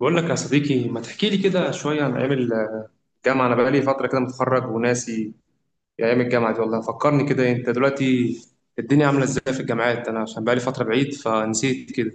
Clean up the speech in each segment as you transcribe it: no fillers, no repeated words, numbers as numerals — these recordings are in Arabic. بقول لك يا صديقي، ما تحكي لي كده شوية عن أيام الجامعة؟ أنا بقالي فترة كده متخرج وناسي أيام الجامعة دي. والله فكرني كده. أنت دلوقتي الدنيا عاملة إزاي في الجامعات؟ أنا عشان بقالي فترة بعيد فنسيت كده.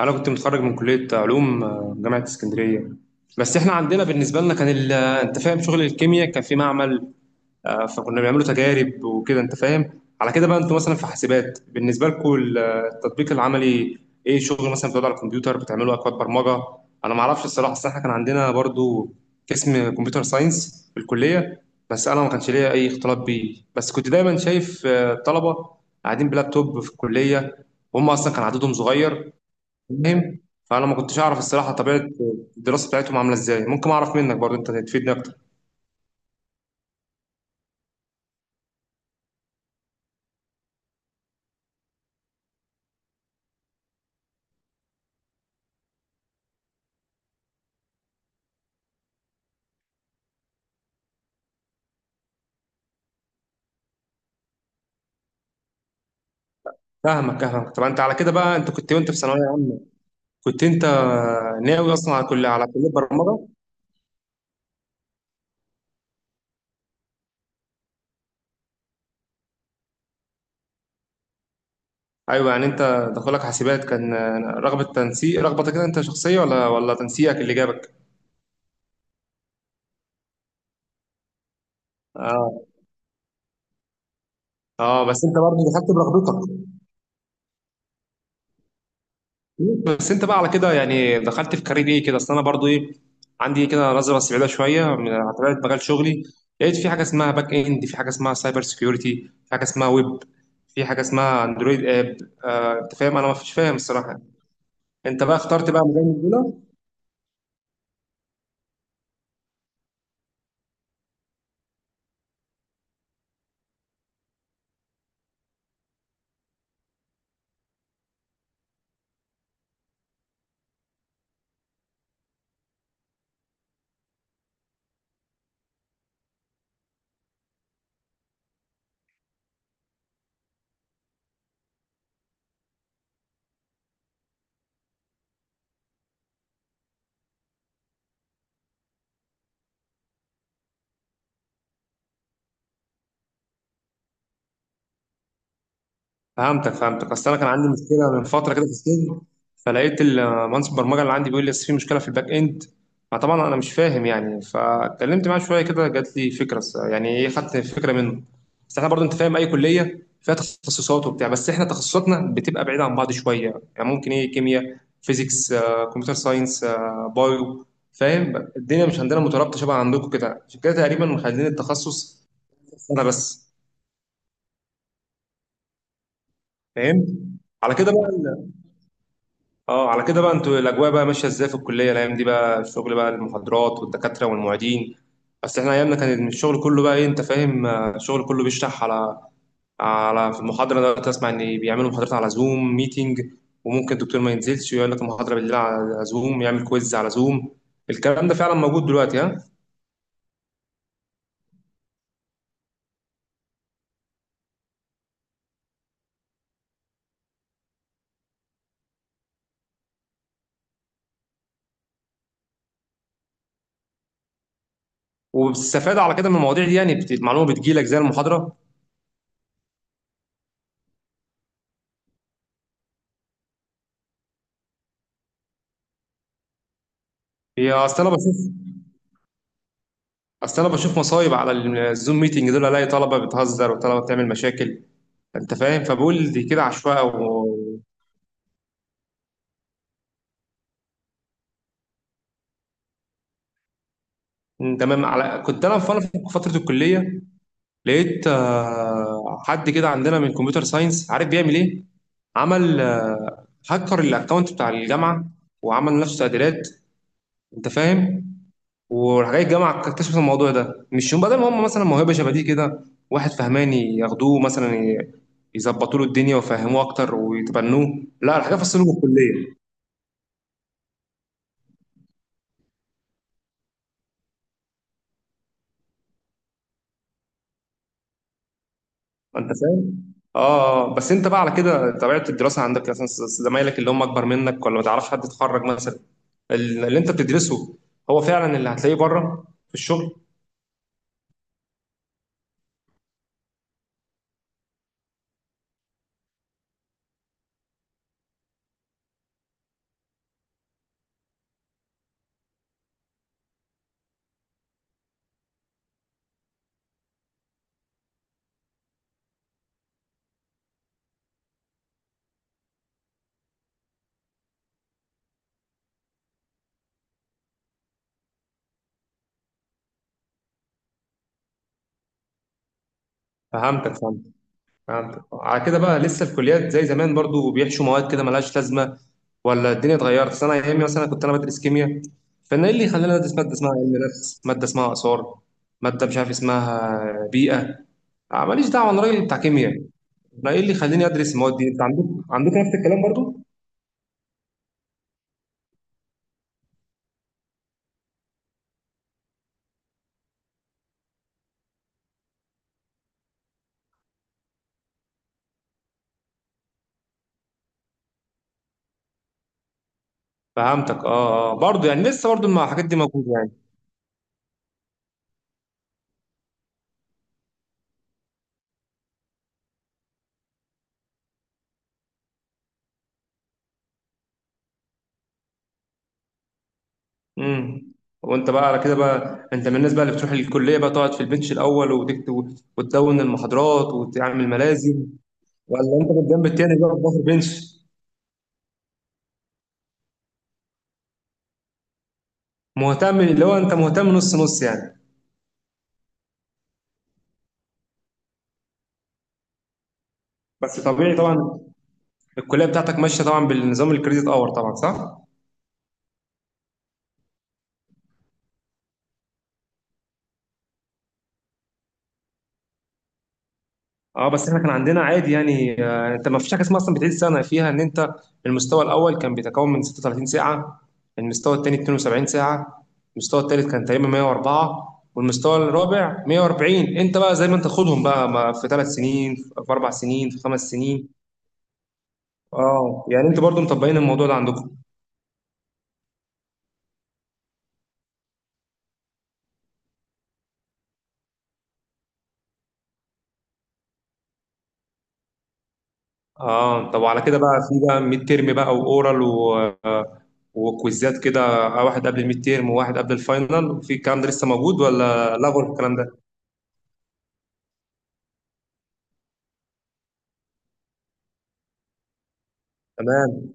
أنا كنت متخرج من كلية علوم، جامعة اسكندرية. بس إحنا عندنا بالنسبة لنا كان أنت فاهم، شغل الكيمياء كان في معمل. فكنا بنعمله تجارب وكده. انت فاهم على كده بقى. انتوا مثلا في حاسبات بالنسبه لكم التطبيق العملي ايه؟ شغل مثلا بتقعدوا على الكمبيوتر بتعملوا اكواد برمجه؟ انا ما اعرفش الصراحه، اصل احنا كان عندنا برضو قسم كمبيوتر ساينس في الكليه، بس انا ما كانش ليا اي اختلاط بيه. بس كنت دايما شايف الطلبه قاعدين بلابتوب في الكليه وهم اصلا كان عددهم صغير. فاهم؟ فانا ما كنتش اعرف الصراحه طبيعه الدراسه بتاعتهم عامله ازاي. ممكن اعرف منك برضو، انت تفيدني اكتر. فاهمك فاهمك. طب انت على كده بقى، انت كنت وانت في ثانويه عامه كنت انت ناوي اصلا على كل على كليه برمجه؟ ايوه، يعني انت دخولك حاسبات كان رغبه تنسيق، رغبتك كده انت شخصيه، ولا تنسيقك اللي جابك؟ اه اه. بس انت برضه دخلت برغبتك. بس انت بقى على كده يعني دخلت في كارير ايه كده؟ اصل انا برضه ايه، عندي كده نظره بس بعيده شويه من على طبيعه مجال شغلي. لقيت في حاجه اسمها باك اند، في حاجه اسمها سايبر سكيورتي، في حاجه اسمها ويب، في حاجه اسمها اندرويد اب. انت فاهم، انا مش فاهم الصراحه. انت بقى اخترت بقى مجال البرمجه؟ فهمتك فهمتك. اصل انا كان عندي مشكله من فتره كده في السجن، فلقيت المهندس البرمجه اللي عندي بيقول لي أصل في مشكله في الباك اند. فطبعا انا مش فاهم يعني، فاتكلمت معاه شويه كده، جات لي فكره، يعني ايه، خدت فكره منه. بس احنا برضو انت فاهم، اي كليه فيها تخصصات وبتاع، بس احنا تخصصاتنا بتبقى بعيده عن بعض شويه يعني. ممكن ايه، كيمياء، فيزيكس، كمبيوتر ساينس، بايو. فاهم؟ الدنيا مش عندنا مترابطه شبه عندكم كده، عشان كده تقريبا مخلين التخصص سنه بس. فهمت. على كده بقى اه، على كده بقى انتوا الاجواء بقى ماشيه ازاي في الكليه الايام دي بقى؟ الشغل بقى، المحاضرات والدكاتره والمعيدين. بس احنا ايامنا كان الشغل كله بقى ايه، انت فاهم، الشغل كله بيشرح على في المحاضره. انا دلوقتي اسمع ان بيعملوا محاضرات على زوم ميتنج، وممكن الدكتور ما ينزلش ويقول لك المحاضره بالليل على زوم، يعمل كويز على زوم. الكلام ده فعلا موجود دلوقتي؟ ها؟ وبتستفاد على كده من المواضيع دي يعني؟ المعلومه بتجيلك زي المحاضره؟ هي اصل انا بشوف، اصل انا بشوف مصايب على الزوم ميتنج دول. الاقي طلبه بتهزر وطلبه بتعمل مشاكل، انت فاهم، فبقول دي كده عشوائي و... تمام. على كنت انا في، أنا في فتره الكليه لقيت حد كده عندنا من كمبيوتر ساينس عارف بيعمل ايه. عمل هكر الاكونت بتاع الجامعه وعمل نفسه تعديلات، انت فاهم. وراح جاي الجامعه اكتشفت الموضوع ده مش يوم. بدل ما هم مثلا موهبه شبه دي كده، واحد فهماني ياخدوه مثلا، يظبطوا له الدنيا ويفهموه اكتر ويتبنوه، لا، الحاجه فصلوا في الكليه، انت فاهم. اه بس انت بقى على كده طبيعه الدراسه عندك، مثلا زمايلك اللي هم اكبر منك، ولا ما تعرفش حد اتخرج مثلا، اللي انت بتدرسه هو فعلا اللي هتلاقيه بره في الشغل؟ فهمتك فهمتك. فهمت على كده بقى، لسه الكليات زي زمان برضو بيحشوا مواد كده ملهاش لازمه، ولا الدنيا اتغيرت؟ أصل انا ايامي مثلا كنت انا بدرس كيمياء، فانا ايه اللي يخلينا ندرس ماده اسمها علم نفس، ماده اسمها اثار، ماده مش عارف اسمها بيئه؟ ماليش دعوه، انا راجل بتاع كيمياء، انا ايه اللي يخليني ادرس المواد دي؟ انت عندك، عندك نفس الكلام برضو؟ فهمتك. اه اه، برضو يعني لسه برضو مع الحاجات دي موجوده يعني. امم وانت بقى على كده بقى، انت من الناس بقى اللي بتروح الكليه بقى تقعد في البنش الاول وتكتب وتدون المحاضرات وتعمل ملازم، ولا انت بالجنب التاني بقى بظهر بنش؟ مهتم اللي هو، انت مهتم نص نص يعني؟ بس طبيعي طبعا. الكليه بتاعتك ماشيه طبعا بالنظام الكريدت اور طبعا، صح؟ اه، بس احنا كان عندنا عادي يعني. انت ما فيش حاجه اسمها اصلا بتعيد سنه فيها. ان انت المستوى الاول كان بيتكون من 36 ساعه، المستوى الثاني 72 ساعه، المستوى الثالث كان تقريبا 104، والمستوى الرابع 140. انت بقى زي ما انت خدهم بقى، ما في ثلاث سنين، في اربع سنين، في خمس سنين. اه يعني انتوا برضو مطبقين الموضوع ده عندكم. اه طب وعلى كده بقى في بقى ميد تيرم بقى واورال و... وكويزات كده، واحد قبل الميد تيرم وواحد قبل الفاينل؟ وفي الكلام ده لسه موجود ولا لغوا الكلام ده؟ تمام.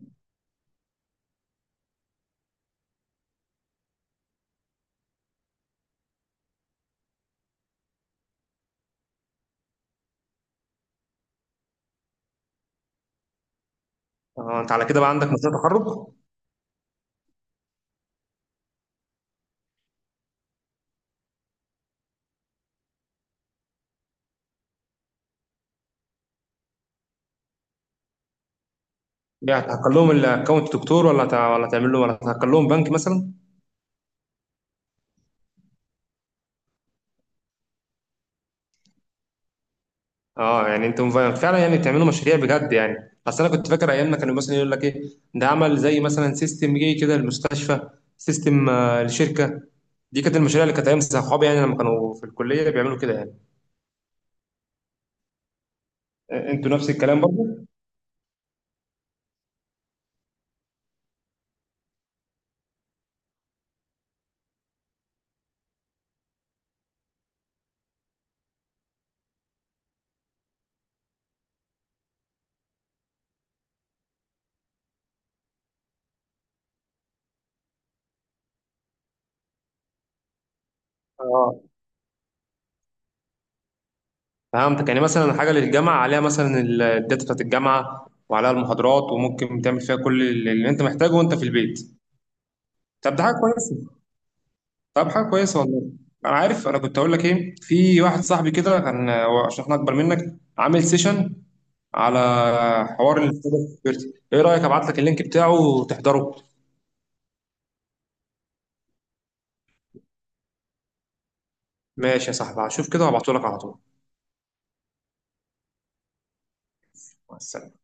آه، انت على كده بقى عندك مشروع تخرج؟ يعني هتهكر لهم الاكونت دكتور، ولا تعمل له، ولا هتهكر لهم بنك مثلا؟ اه يعني انتم فعلا يعني بتعملوا مشاريع بجد يعني؟ اصل انا كنت فاكر ايام ما كانوا مثلا يقول لك ايه، ده عمل زي مثلا سيستم جه كده للمستشفى، سيستم لشركه. دي كانت المشاريع اللي كانت ايام صحابي يعني لما كانوا في الكليه بيعملوا كده يعني. انتوا نفس الكلام برضه؟ اه فهمتك، يعني مثلا حاجه للجامعه عليها مثلا الداتا بتاعت الجامعه وعليها المحاضرات وممكن تعمل فيها كل اللي انت محتاجه وانت في البيت. طب ده حاجه كويسه. طب حاجه كويسه والله. انا عارف، انا كنت هقول لك ايه، في واحد صاحبي كده كان، هو عشان احنا اكبر منك، عامل سيشن على حوار ال cyber security. ايه رايك ابعت لك اللينك بتاعه وتحضره؟ ماشي يا صاحبي، هشوف كده وابعته لك على طول. مع السلامه.